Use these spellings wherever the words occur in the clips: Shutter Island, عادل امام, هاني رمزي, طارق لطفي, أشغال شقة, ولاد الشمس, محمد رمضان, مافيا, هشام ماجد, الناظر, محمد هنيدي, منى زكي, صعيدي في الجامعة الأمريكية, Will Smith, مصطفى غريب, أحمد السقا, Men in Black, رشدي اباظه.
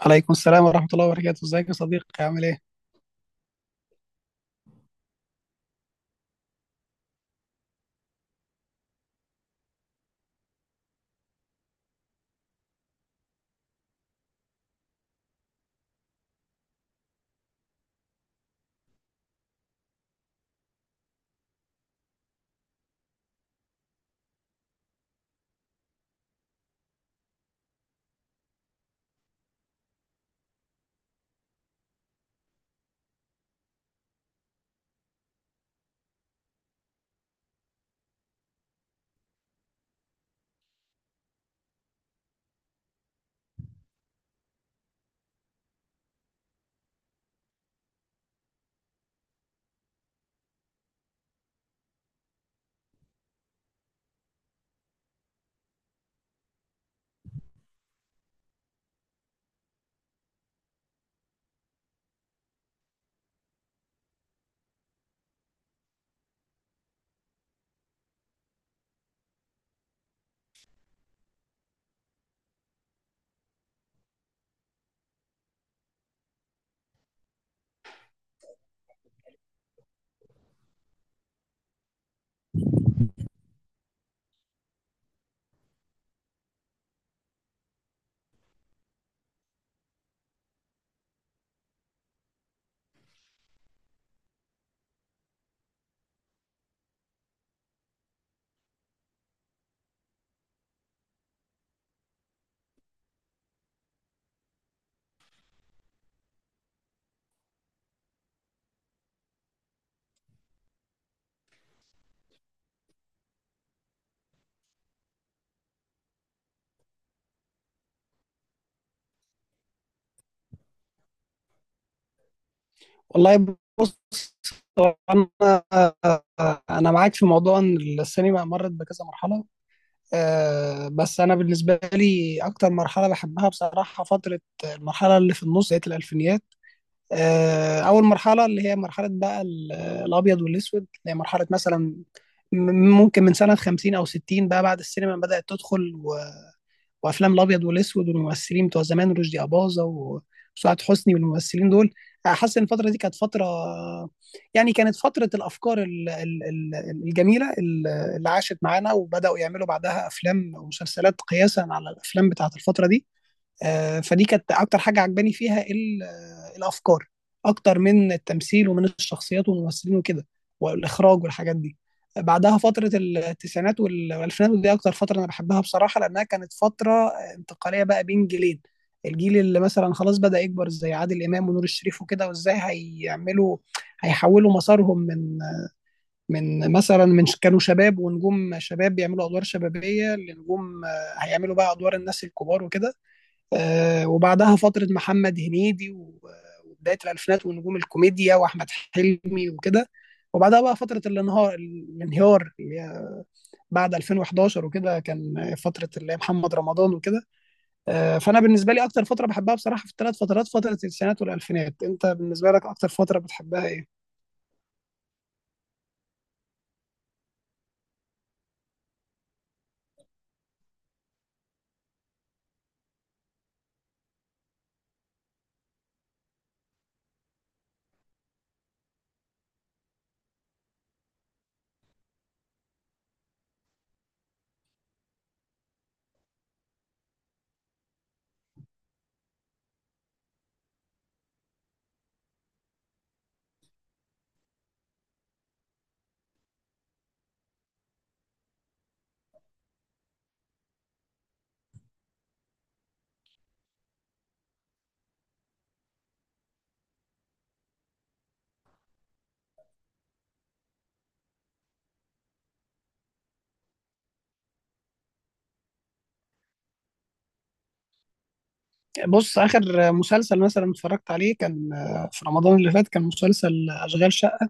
عليكم السلام ورحمة الله وبركاته، ازيك يا صديقي؟ عامل ايه؟ والله بص. هو انا انا معاك في موضوع ان السينما مرت بكذا مرحلة. بس انا بالنسبة لي اكتر مرحلة بحبها بصراحة فترة المرحلة اللي في النص، بداية الالفينيات. اول مرحلة اللي هي مرحلة بقى الابيض والاسود، اللي هي مرحلة مثلا م- ممكن من سنة 50 او 60 بقى، بعد السينما بدأت تدخل وافلام الابيض والاسود والممثلين بتوع زمان رشدي اباظه وسعاد حسني والممثلين دول. حاسس ان الفتره دي كانت فتره، يعني كانت فتره الافكار الجميله اللي عاشت معانا، وبداوا يعملوا بعدها افلام ومسلسلات قياسا على الافلام بتاعت الفتره دي. فدي كانت اكتر حاجه عجباني فيها الافكار، اكتر من التمثيل ومن الشخصيات والممثلين وكده والاخراج والحاجات دي. بعدها فتره التسعينات والالفينات، ودي اكتر فتره انا بحبها بصراحه لانها كانت فتره انتقاليه بقى بين جيلين. الجيل اللي مثلا خلاص بدأ يكبر زي عادل امام ونور الشريف وكده، وازاي هيعملوا، هيحولوا مسارهم من كانوا شباب ونجوم شباب بيعملوا ادوار شبابيه لنجوم، هيعملوا بقى ادوار الناس الكبار وكده. وبعدها فترة محمد هنيدي وبداية الألفينات ونجوم الكوميديا، وأحمد حلمي وكده. وبعدها بقى فترة الانهيار اللي هي بعد 2011 وكده، كان فترة اللي هي محمد رمضان وكده. فأنا بالنسبة لي أكتر فترة بحبها بصراحة في الثلاث فترات فترة التسعينات والألفينات. أنت بالنسبة لك أكتر فترة بتحبها إيه؟ بص، آخر مسلسل مثلا اتفرجت عليه كان في رمضان اللي فات، كان مسلسل أشغال شقة.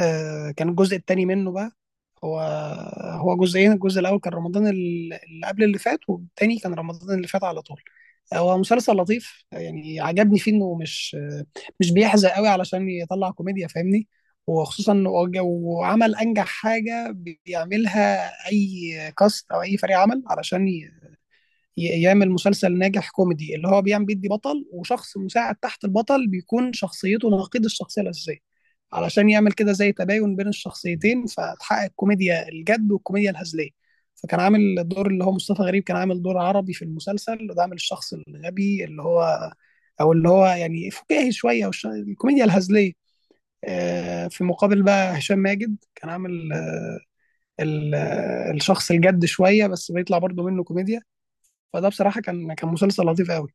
كان الجزء الثاني منه بقى. هو هو جزئين، الجزء الاول كان رمضان اللي قبل اللي فات، والتاني كان رمضان اللي فات على طول. هو مسلسل لطيف يعني، عجبني فيه انه مش بيحزق قوي علشان يطلع كوميديا، فاهمني؟ وخصوصا انه وعمل انجح حاجه بيعملها اي كاست او اي فريق عمل، علشان يعمل مسلسل ناجح كوميدي، اللي هو بيعمل بيدي بطل وشخص مساعد تحت البطل بيكون شخصيته نقيض الشخصية الأساسية، علشان يعمل كده زي تباين بين الشخصيتين فتحقق الكوميديا الجد والكوميديا الهزلية. فكان عامل الدور اللي هو مصطفى غريب، كان عامل دور عربي في المسلسل، وده عامل الشخص الغبي اللي هو، او اللي هو يعني فكاهي شويه الكوميديا الهزليه. في مقابل بقى هشام ماجد كان عامل الشخص الجد شويه بس بيطلع برضه منه كوميديا. فده بصراحة كان مسلسل لطيف قوي.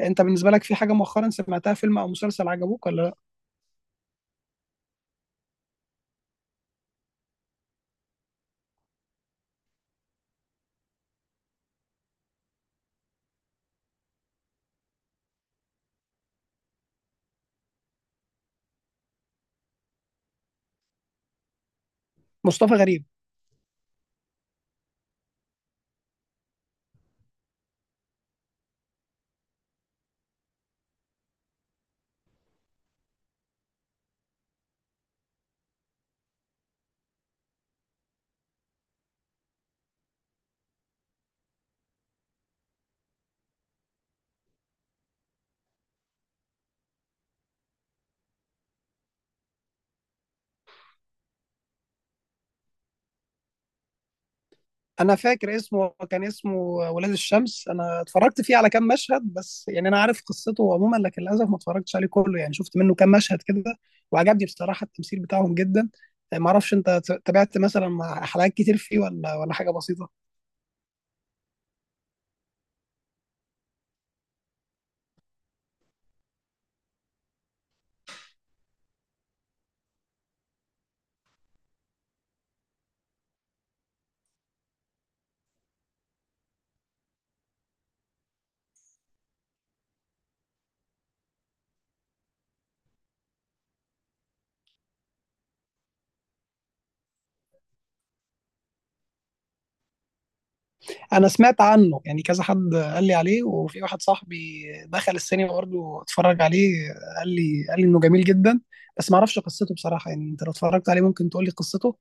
انت بالنسبة لك في حاجة مؤخرا سمعتها، فيلم او مسلسل عجبوك ولا لا؟ مصطفى غريب، انا فاكر اسمه، كان اسمه ولاد الشمس. انا اتفرجت فيه على كام مشهد بس يعني، انا عارف قصته عموما لكن للاسف ما اتفرجتش عليه كله، يعني شفت منه كام مشهد كده. وعجبني بصراحة التمثيل بتاعهم جدا. ما اعرفش انت تابعت مثلا مع حلقات كتير فيه، ولا حاجة بسيطة؟ انا سمعت عنه يعني، كذا حد قال لي عليه، وفي واحد صاحبي دخل السينما برضه اتفرج عليه، قال لي انه جميل جدا. بس ما اعرفش قصته بصراحه، يعني انت لو اتفرجت عليه ممكن تقول لي قصته.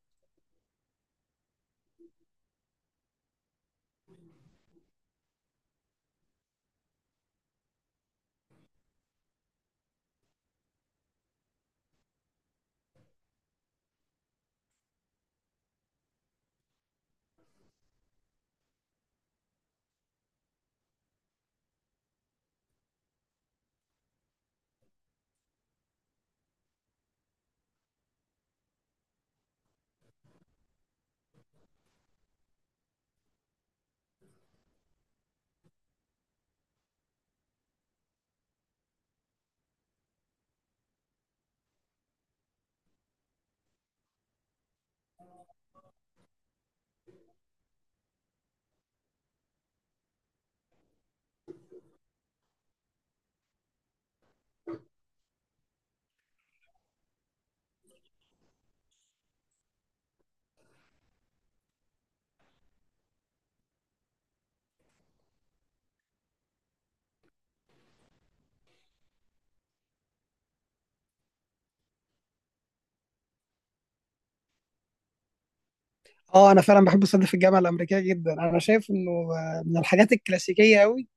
اه، انا فعلا بحب صعيدي في الجامعه الامريكيه جدا، انا شايف انه من الحاجات الكلاسيكيه قوي،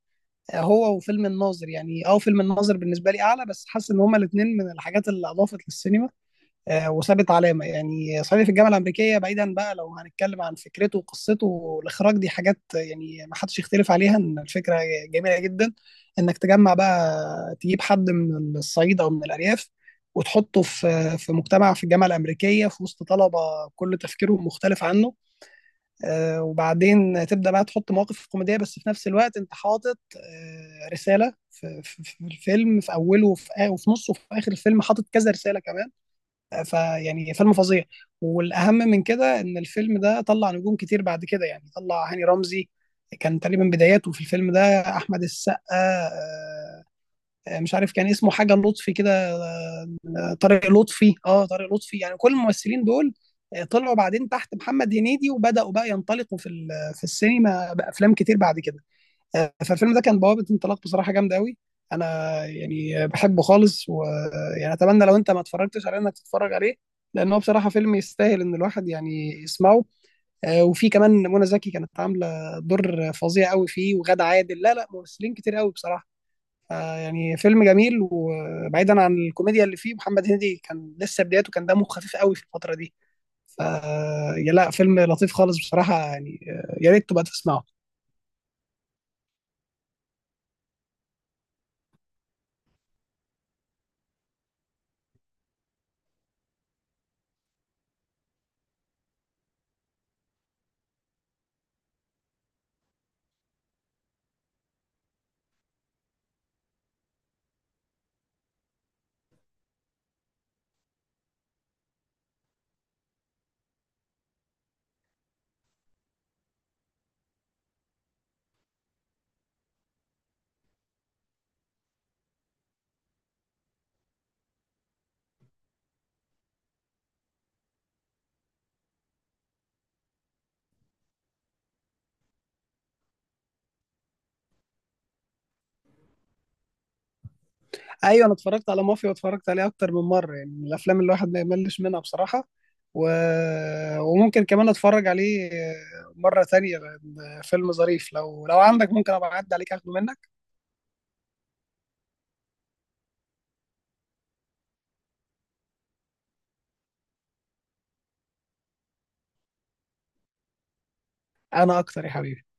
هو وفيلم الناظر. يعني اه فيلم الناظر بالنسبه لي اعلى، بس حاسس ان هما الاثنين من الحاجات اللي اضافت للسينما وسابت علامة. يعني صعيدي في الجامعة الأمريكية، بعيدا بقى لو هنتكلم عن فكرته وقصته والإخراج، دي حاجات يعني ما حدش يختلف عليها، إن الفكرة جميلة جدا. إنك تجمع بقى، تجيب حد من الصعيد أو من الأرياف وتحطه في مجتمع في الجامعة الأمريكية في وسط طلبة كل تفكيرهم مختلف عنه. وبعدين تبدأ بقى تحط مواقف كوميدية، بس في نفس الوقت أنت حاطط رسالة في في الفيلم، في أوله وفي نصه وفي آخر الفيلم حاطط كذا رسالة كمان. فيعني فيلم فظيع. والاهم من كده ان الفيلم ده طلع نجوم كتير بعد كده، يعني طلع هاني رمزي كان تقريبا بداياته في الفيلم ده، احمد السقا، مش عارف كان اسمه حاجه لطفي كده، طارق لطفي، اه طارق لطفي، يعني كل الممثلين دول طلعوا بعدين تحت محمد هنيدي وبداوا بقى ينطلقوا في في السينما بافلام كتير بعد كده. فالفيلم ده كان بوابة انطلاق بصراحة جامدة قوي. انا يعني بحبه خالص، ويعني اتمنى لو انت ما اتفرجتش عليه انك تتفرج عليه، لان هو بصراحة فيلم يستاهل ان الواحد يعني يسمعه. وفي كمان منى زكي كانت عاملة دور فظيع قوي فيه، وغادة عادل، لا ممثلين كتير قوي بصراحة. يعني فيلم جميل. وبعيدا عن الكوميديا اللي فيه، محمد هنيدي كان لسه بدايته، كان دمه خفيف قوي في الفترة دي. ف يا لا، فيلم لطيف خالص بصراحة، يعني يا ريت تبقى تسمعه. ايوه انا اتفرجت على مافيا، واتفرجت عليه اكتر من مره، يعني من الافلام اللي الواحد ما يملش منها بصراحه. و... وممكن كمان اتفرج عليه مره تانية لأن فيلم ظريف. لو عندك ممكن ابقى اعدي عليك اخده منك. انا اكتر يا حبيبي.